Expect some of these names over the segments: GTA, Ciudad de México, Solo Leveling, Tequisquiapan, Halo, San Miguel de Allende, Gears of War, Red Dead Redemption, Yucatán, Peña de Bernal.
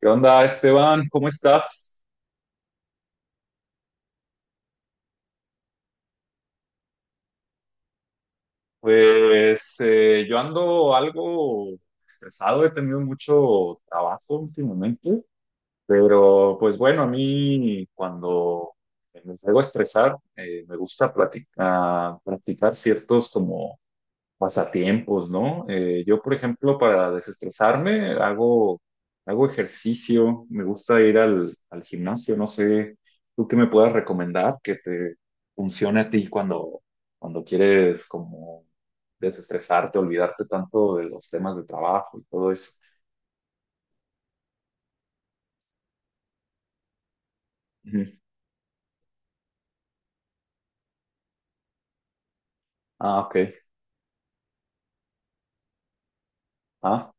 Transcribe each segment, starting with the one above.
¿Qué onda, Esteban? ¿Cómo estás? Yo ando algo estresado, he tenido mucho trabajo últimamente, pero pues bueno, a mí cuando me llego a estresar, me gusta platicar, practicar ciertos como pasatiempos, ¿no? Yo, por ejemplo, para desestresarme, hago ejercicio, me gusta ir al gimnasio, no sé, tú qué me puedas recomendar que te funcione a ti cuando quieres como desestresarte, olvidarte tanto de los temas de trabajo y todo eso. Ujú. Ah, ok. Ah,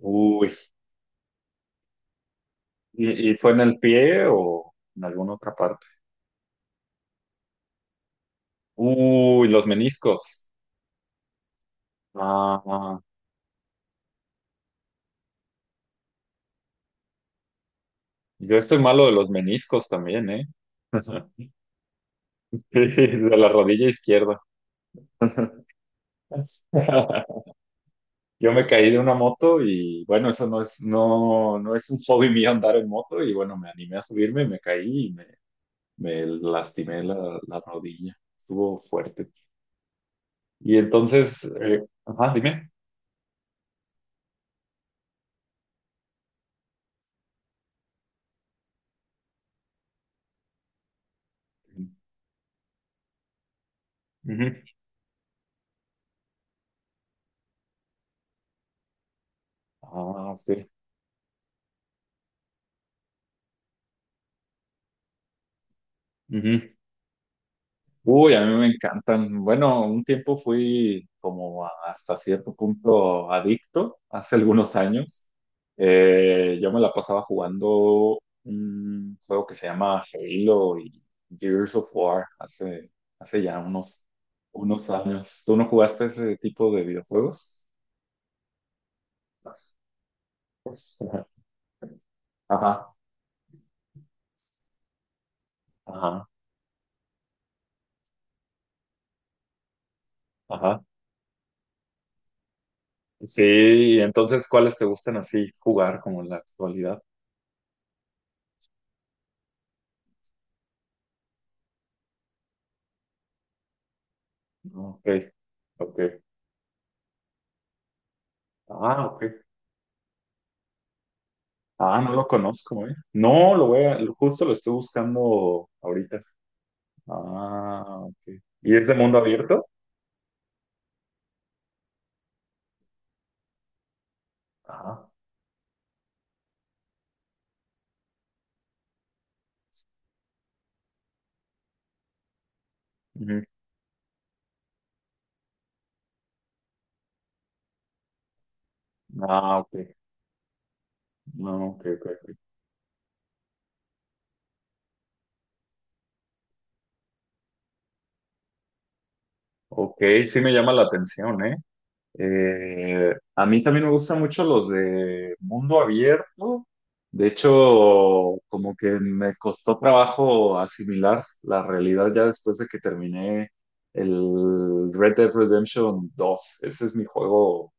uy. Y fue en el pie o en alguna otra parte? Uy, los meniscos. Ah, ah. Yo estoy malo de los meniscos también, ¿eh? De la rodilla izquierda. Yo me caí de una moto y bueno, eso no, no es un hobby mío andar en moto y bueno, me animé a subirme, me caí y me lastimé la rodilla. Estuvo fuerte. Y entonces, ajá, dime. Ujú. Ah, sí. Ujú. Uy, a mí me encantan. Bueno, un tiempo fui como hasta cierto punto adicto, hace algunos años. Yo me la pasaba jugando un juego que se llama Halo y Gears of War hace ya unos años. ¿Tú no jugaste ese tipo de videojuegos? Ajá, ajá, ajá. Sí, y entonces, ¿cuáles te gustan así jugar como en la actualidad? Ok, ok. Ah, ok. Ah, no lo conozco, ¿eh? No, lo voy a, lo- justo lo estoy buscando ahorita. Ah, ok. ¿Y es de mundo abierto? Ah, ujú. Ah, ok. No, no, ok, ok, ok. Ok, sí me llama la atención, ¿eh? A mí también me gustan mucho los de mundo abierto. De hecho, como que me costó trabajo asimilar la realidad ya después de que terminé el Red Dead Redemption dos. Ese es mi juego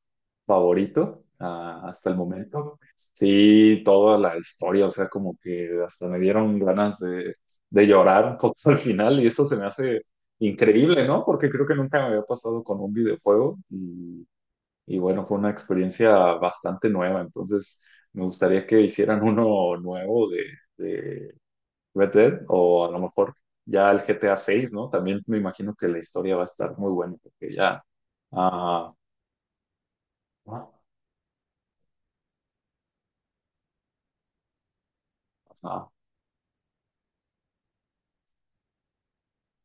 favorito hasta el momento. Sí, toda la historia, o sea, como que hasta me dieron ganas de llorar un poco al final y eso se me hace increíble, ¿no? Porque creo que nunca me había pasado con un videojuego y bueno, fue una experiencia bastante nueva, entonces me gustaría que hicieran uno nuevo de Red Dead o a lo mejor ya el GTA seis ¿no? También me imagino que la historia va a estar muy buena porque ya... ah, ah,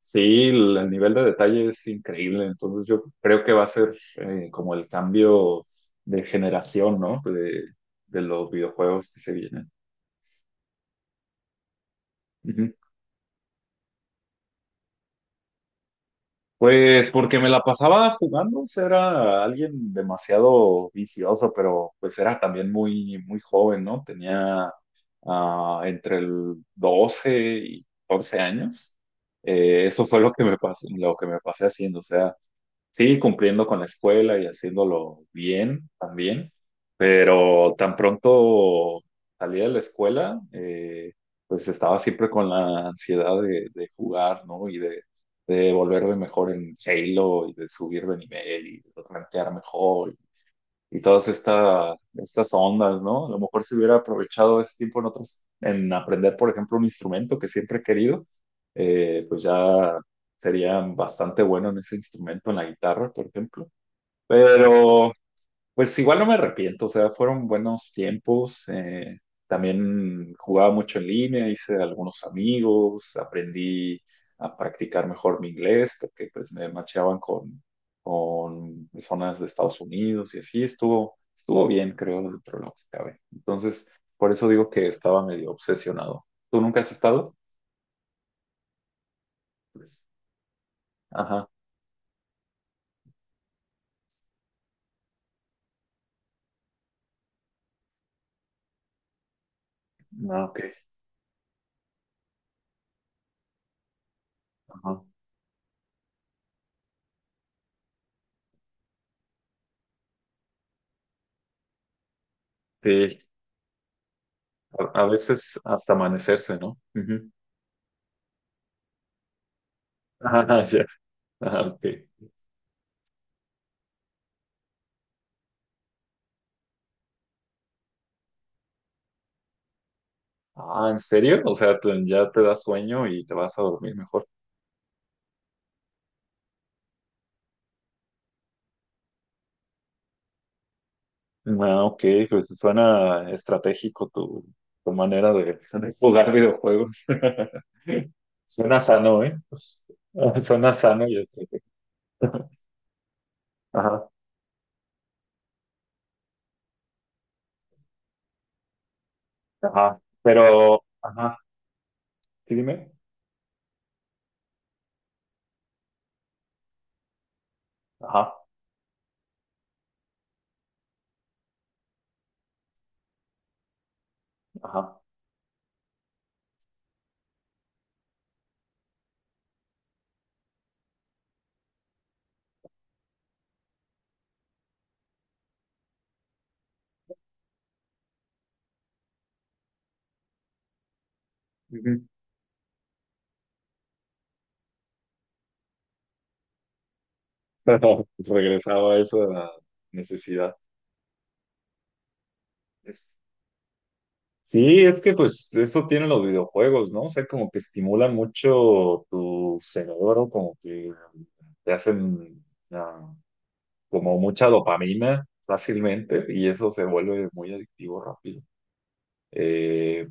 Sí, el nivel de detalle es increíble, entonces yo creo que va a ser como el cambio de generación, ¿no? De los videojuegos que se vienen. Ujú. Pues porque me la pasaba jugando, o sea, era alguien demasiado vicioso, pero pues era también muy joven, ¿no? Tenía entre el 12 y 14 años. Eso fue lo que me pasé, lo que me pasé haciendo, o sea. Sí, cumpliendo con la escuela y haciéndolo bien también, pero tan pronto salí de la escuela, pues estaba siempre con la ansiedad de jugar, ¿no? Y de volverme mejor en Halo y de subir de nivel y de rankear mejor y estas ondas, ¿no? A lo mejor si hubiera aprovechado ese tiempo en en aprender, por ejemplo, un instrumento que siempre he querido, pues ya sería bastante bueno en ese instrumento, en la guitarra, por ejemplo. Pero pues igual no me arrepiento, o sea, fueron buenos tiempos. También jugaba mucho en línea, hice algunos amigos, aprendí a practicar mejor mi inglés, porque pues me macheaban con personas de Estados Unidos y así estuvo, estuvo bien, creo, dentro de lo que cabe. Entonces, por eso digo que estaba medio obsesionado. ¿Tú nunca has estado? Ajá, ah, ok, ajá. Sí, a veces hasta amanecerse, ¿no? Ujú. Ajá, ya. Ah, ok. Ah, ¿en serio? O sea, ya te da sueño y te vas a dormir mejor. Ah, ok, pues suena estratégico tu manera de jugar videojuegos. Suena sano, ¿eh? Suena sano y estratégico. Ajá, ajá. Pero, ajá, ¿sí dime? Ajá, ajá. Ujú. Pero regresaba a esa necesidad. Sí, es que pues eso tienen los videojuegos, ¿no? O sea, como que estimulan mucho tu cerebro, como que te hacen ah, como mucha dopamina fácilmente y eso se vuelve muy adictivo rápido. Eh,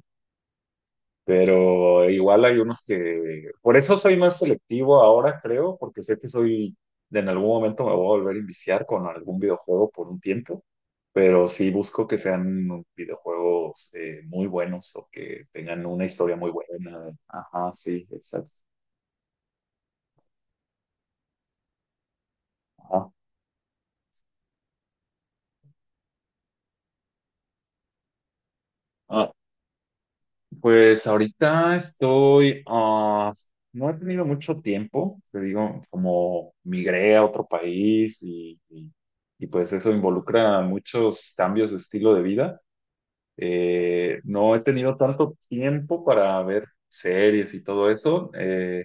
pero igual hay unos que, por eso soy más selectivo ahora, creo, porque sé que soy, en algún momento me voy a volver a iniciar con algún videojuego por un tiempo, pero sí busco que sean videojuegos muy buenos o que tengan una historia muy buena. Ajá, sí, exacto. Ajá. Pues ahorita estoy, no he tenido mucho tiempo, te digo, como migré a otro país y, pues eso involucra muchos cambios de estilo de vida. No he tenido tanto tiempo para ver series y todo eso.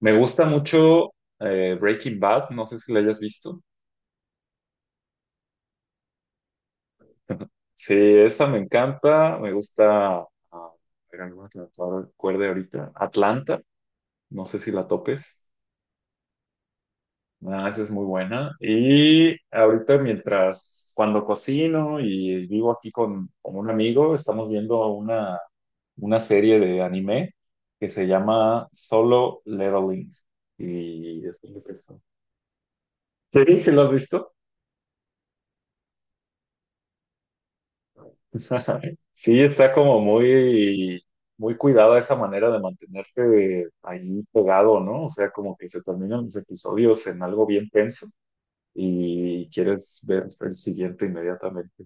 Me gusta mucho Breaking Bad, no sé si la hayas visto. Sí, esa me encanta, me gusta, ah, espera, no me acuerdo ahorita, Atlanta, no sé si la topes. Ah, esa es muy buena. Y ahorita mientras, cuando cocino y vivo aquí con un amigo, estamos viendo una serie de anime que se llama Solo Leveling. Y es lo que está. Sí, ¿sí lo has visto? Sí, está como muy, muy cuidada esa manera de mantenerte ahí pegado, ¿no? O sea, como que se terminan los episodios en algo bien tenso y quieres ver el siguiente inmediatamente.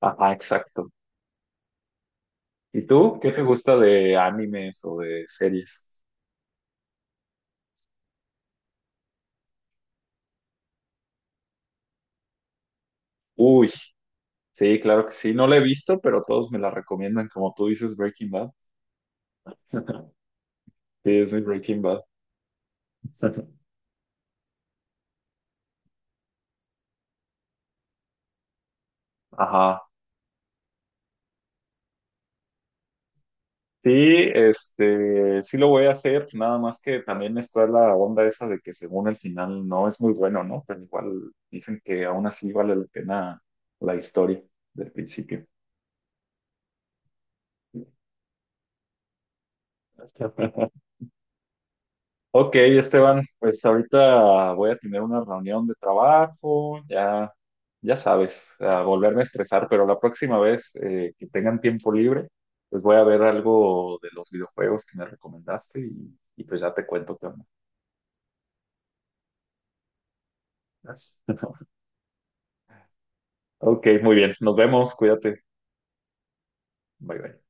Ajá, exacto. ¿Y tú? ¿Qué te gusta de animes o de series? Uy, sí, claro que sí. No la he visto, pero todos me la recomiendan. Como tú dices, Breaking Bad. Sí, es mi Breaking Bad. Ajá. Sí, este, sí lo voy a hacer, nada más que también está la onda esa de que según el final no es muy bueno, ¿no? Pero igual dicen que aún así vale la pena la historia del principio. Ok, Esteban, pues ahorita voy a tener una reunión de trabajo, ya, ya sabes, a volverme a estresar, pero la próxima vez que tengan tiempo libre, pues voy a ver algo de los videojuegos que me recomendaste y pues ya te cuento qué onda. Gracias. Ok, muy bien, nos vemos, cuídate, bye bye.